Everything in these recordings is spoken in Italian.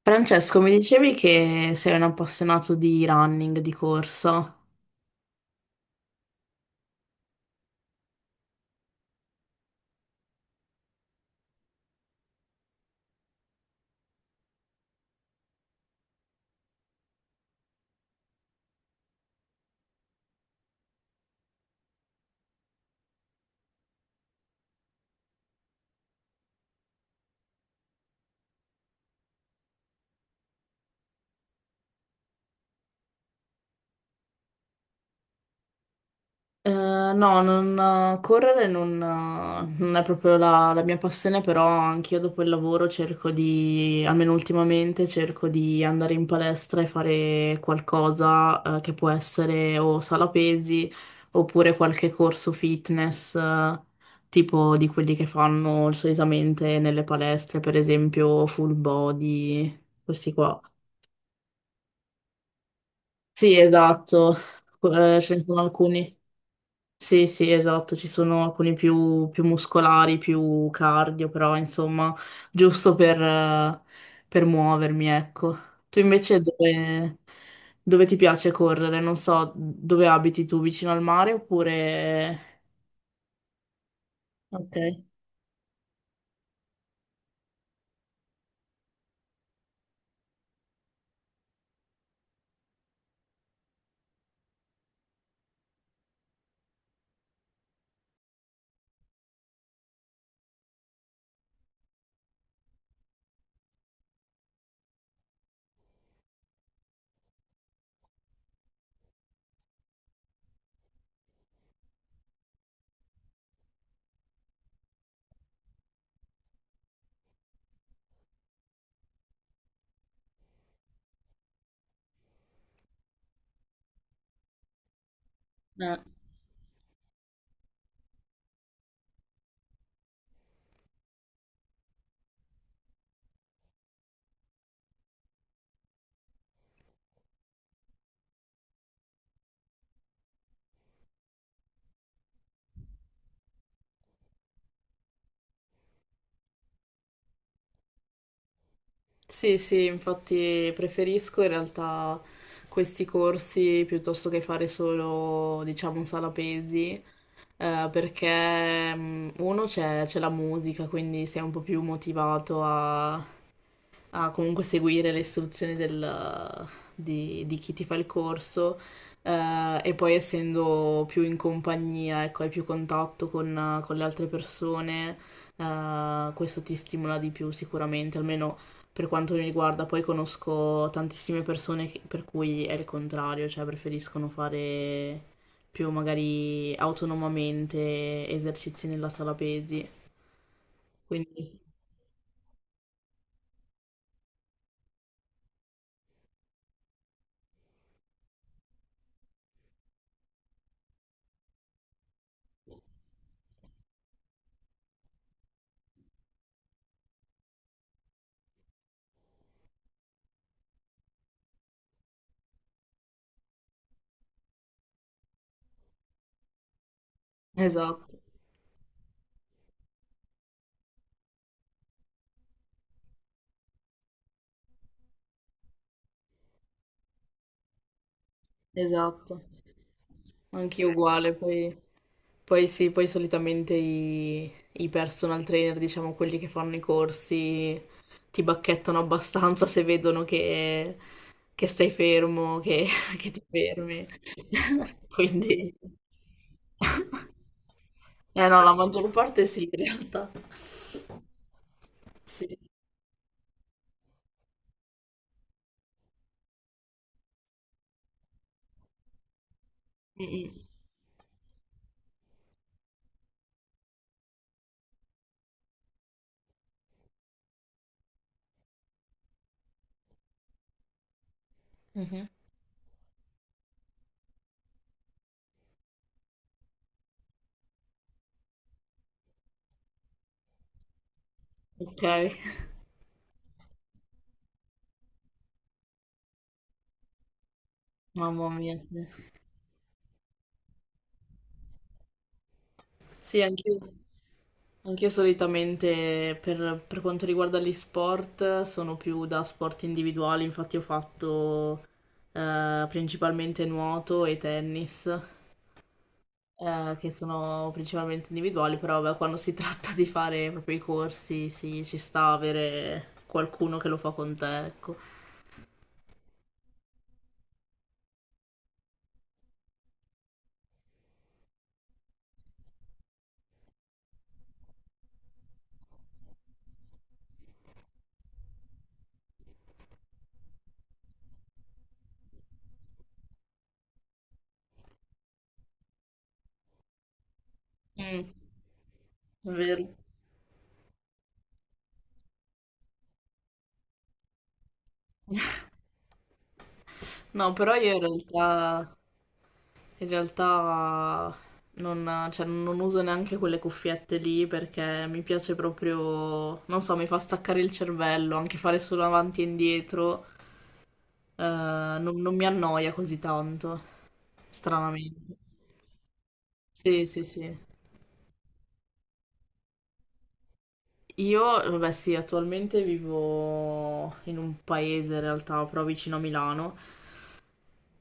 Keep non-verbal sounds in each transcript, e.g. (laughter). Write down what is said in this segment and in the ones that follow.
Francesco, mi dicevi che sei un appassionato di running, di corsa. No, non, correre non è proprio la mia passione, però anch'io dopo il lavoro cerco di, almeno ultimamente, cerco di andare in palestra e fare qualcosa, che può essere o sala pesi oppure qualche corso fitness, tipo di quelli che fanno solitamente nelle palestre, per esempio full body, questi qua. Sì, esatto. Ce ne sono alcuni. Sì, sì, esatto, ci sono alcuni più, muscolari, più cardio, però insomma, giusto per muovermi, ecco. Tu invece dove ti piace correre? Non so, dove abiti tu, vicino al mare oppure... Ok. Sì, sì, infatti preferisco in realtà questi corsi piuttosto che fare solo, diciamo, sala pesi. Perché uno c'è la musica, quindi sei un po' più motivato a comunque seguire le istruzioni di chi ti fa il corso e poi essendo più in compagnia, ecco, hai più contatto con le altre persone, questo ti stimola di più sicuramente, almeno per quanto mi riguarda. Poi conosco tantissime persone per cui è il contrario, cioè preferiscono fare più magari autonomamente esercizi nella sala pesi. Quindi, esatto, esatto. Anch'io uguale, poi sì, poi solitamente i personal trainer, diciamo quelli che fanno i corsi, ti bacchettano abbastanza se vedono che stai fermo, che, (laughs) che ti fermi. (laughs) Quindi... Eh no, la maggior parte sì, in realtà. Sì. Mm, mm. Mhm. Ok. (laughs) Mamma mia. Sì, sì anche io. Anch'io solitamente per quanto riguarda gli sport sono più da sport individuali, infatti ho fatto principalmente nuoto e tennis, che sono principalmente individuali, però vabbè, quando si (laughs) tratta di fare proprio i corsi, sì, ci sta avere qualcuno che lo fa con te, ecco. Mm, è vero. (laughs) No, però io in realtà... In realtà non, cioè, non uso neanche quelle cuffiette lì perché mi piace proprio, non so, mi fa staccare il cervello, anche fare solo avanti e indietro, eh, non mi annoia così tanto, stranamente. Sì, sì, sì. Io, vabbè, sì, attualmente vivo in un paese in realtà, però vicino a Milano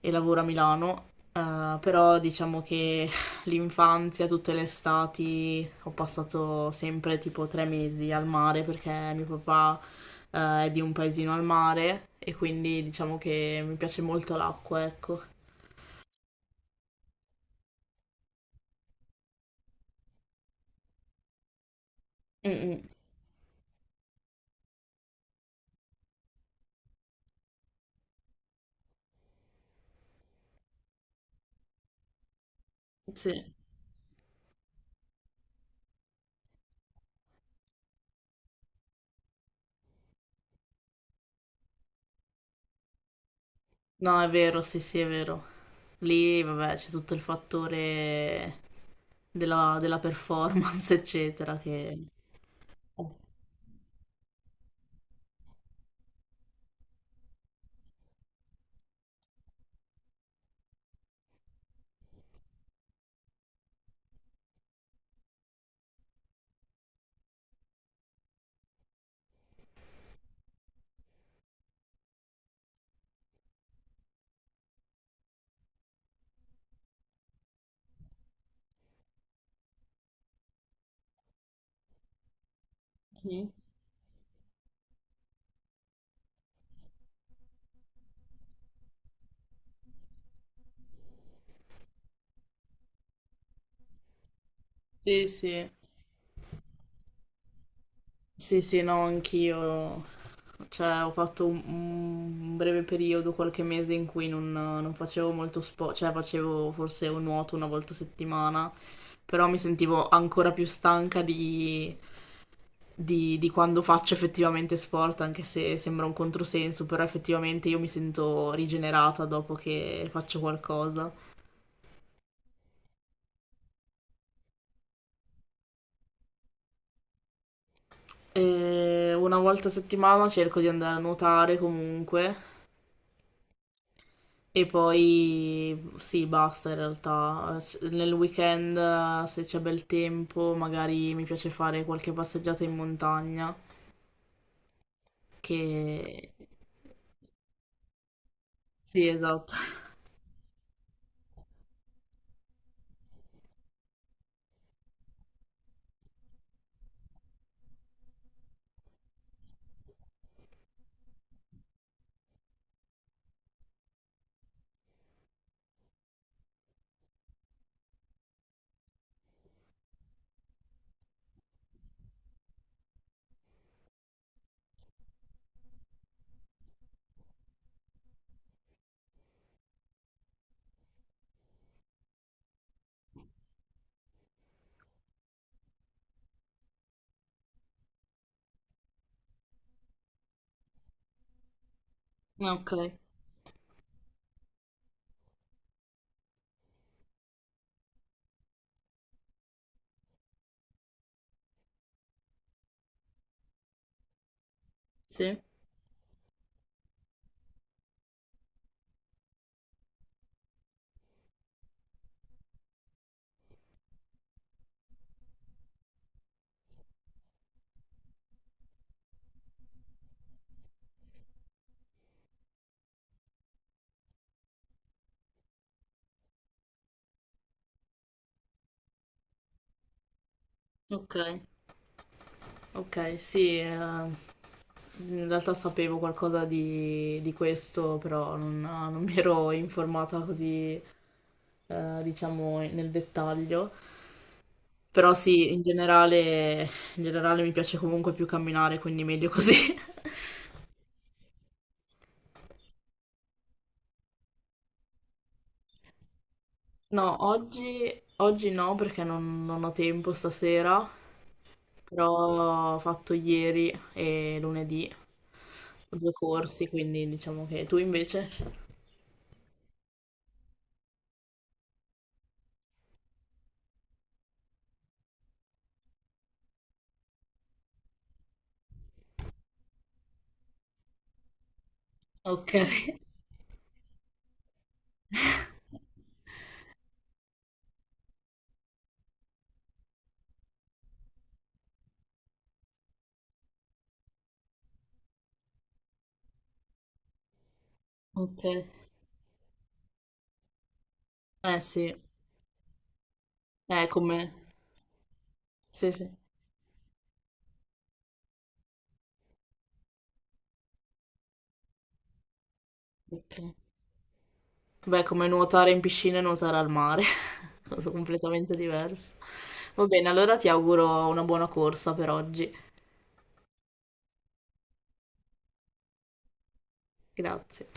e lavoro a Milano, però diciamo che (laughs) l'infanzia, tutte le estati, ho passato sempre tipo 3 mesi al mare perché mio papà, è di un paesino al mare e quindi diciamo che mi piace molto l'acqua, ecco. Mm, mm. Sì, no, è vero, sì, sì, è vero. Lì, vabbè, c'è tutto il fattore della performance, (laughs) eccetera, che... Sì, sì. Sì, sì, no, anch'io. Cioè, ho fatto un breve periodo, qualche mese in cui non facevo molto sport, cioè facevo forse un nuoto una volta a settimana, però mi sentivo ancora più stanca di quando faccio effettivamente sport, anche se sembra un controsenso, però effettivamente io mi sento rigenerata dopo che faccio qualcosa. E una volta a settimana cerco di andare a nuotare comunque. E poi sì, basta in realtà. Nel weekend, se c'è bel tempo, magari mi piace fare qualche passeggiata in montagna. Che Sì, esatto. Ok, sì, ok, ok, sì. In realtà sapevo qualcosa di questo, però non mi ero informata così, diciamo, nel dettaglio. Però sì, in generale, mi piace comunque più camminare, quindi meglio così. (laughs) No, oggi no perché non ho tempo stasera, però ho fatto ieri e lunedì due corsi, quindi diciamo che tu invece. Ok. (laughs) Ok. Eh sì, è come... Sì, sì. Ok. Beh, come nuotare in piscina e nuotare al mare, (laughs) sono completamente diverso. Va bene, allora ti auguro una buona corsa per oggi. Grazie.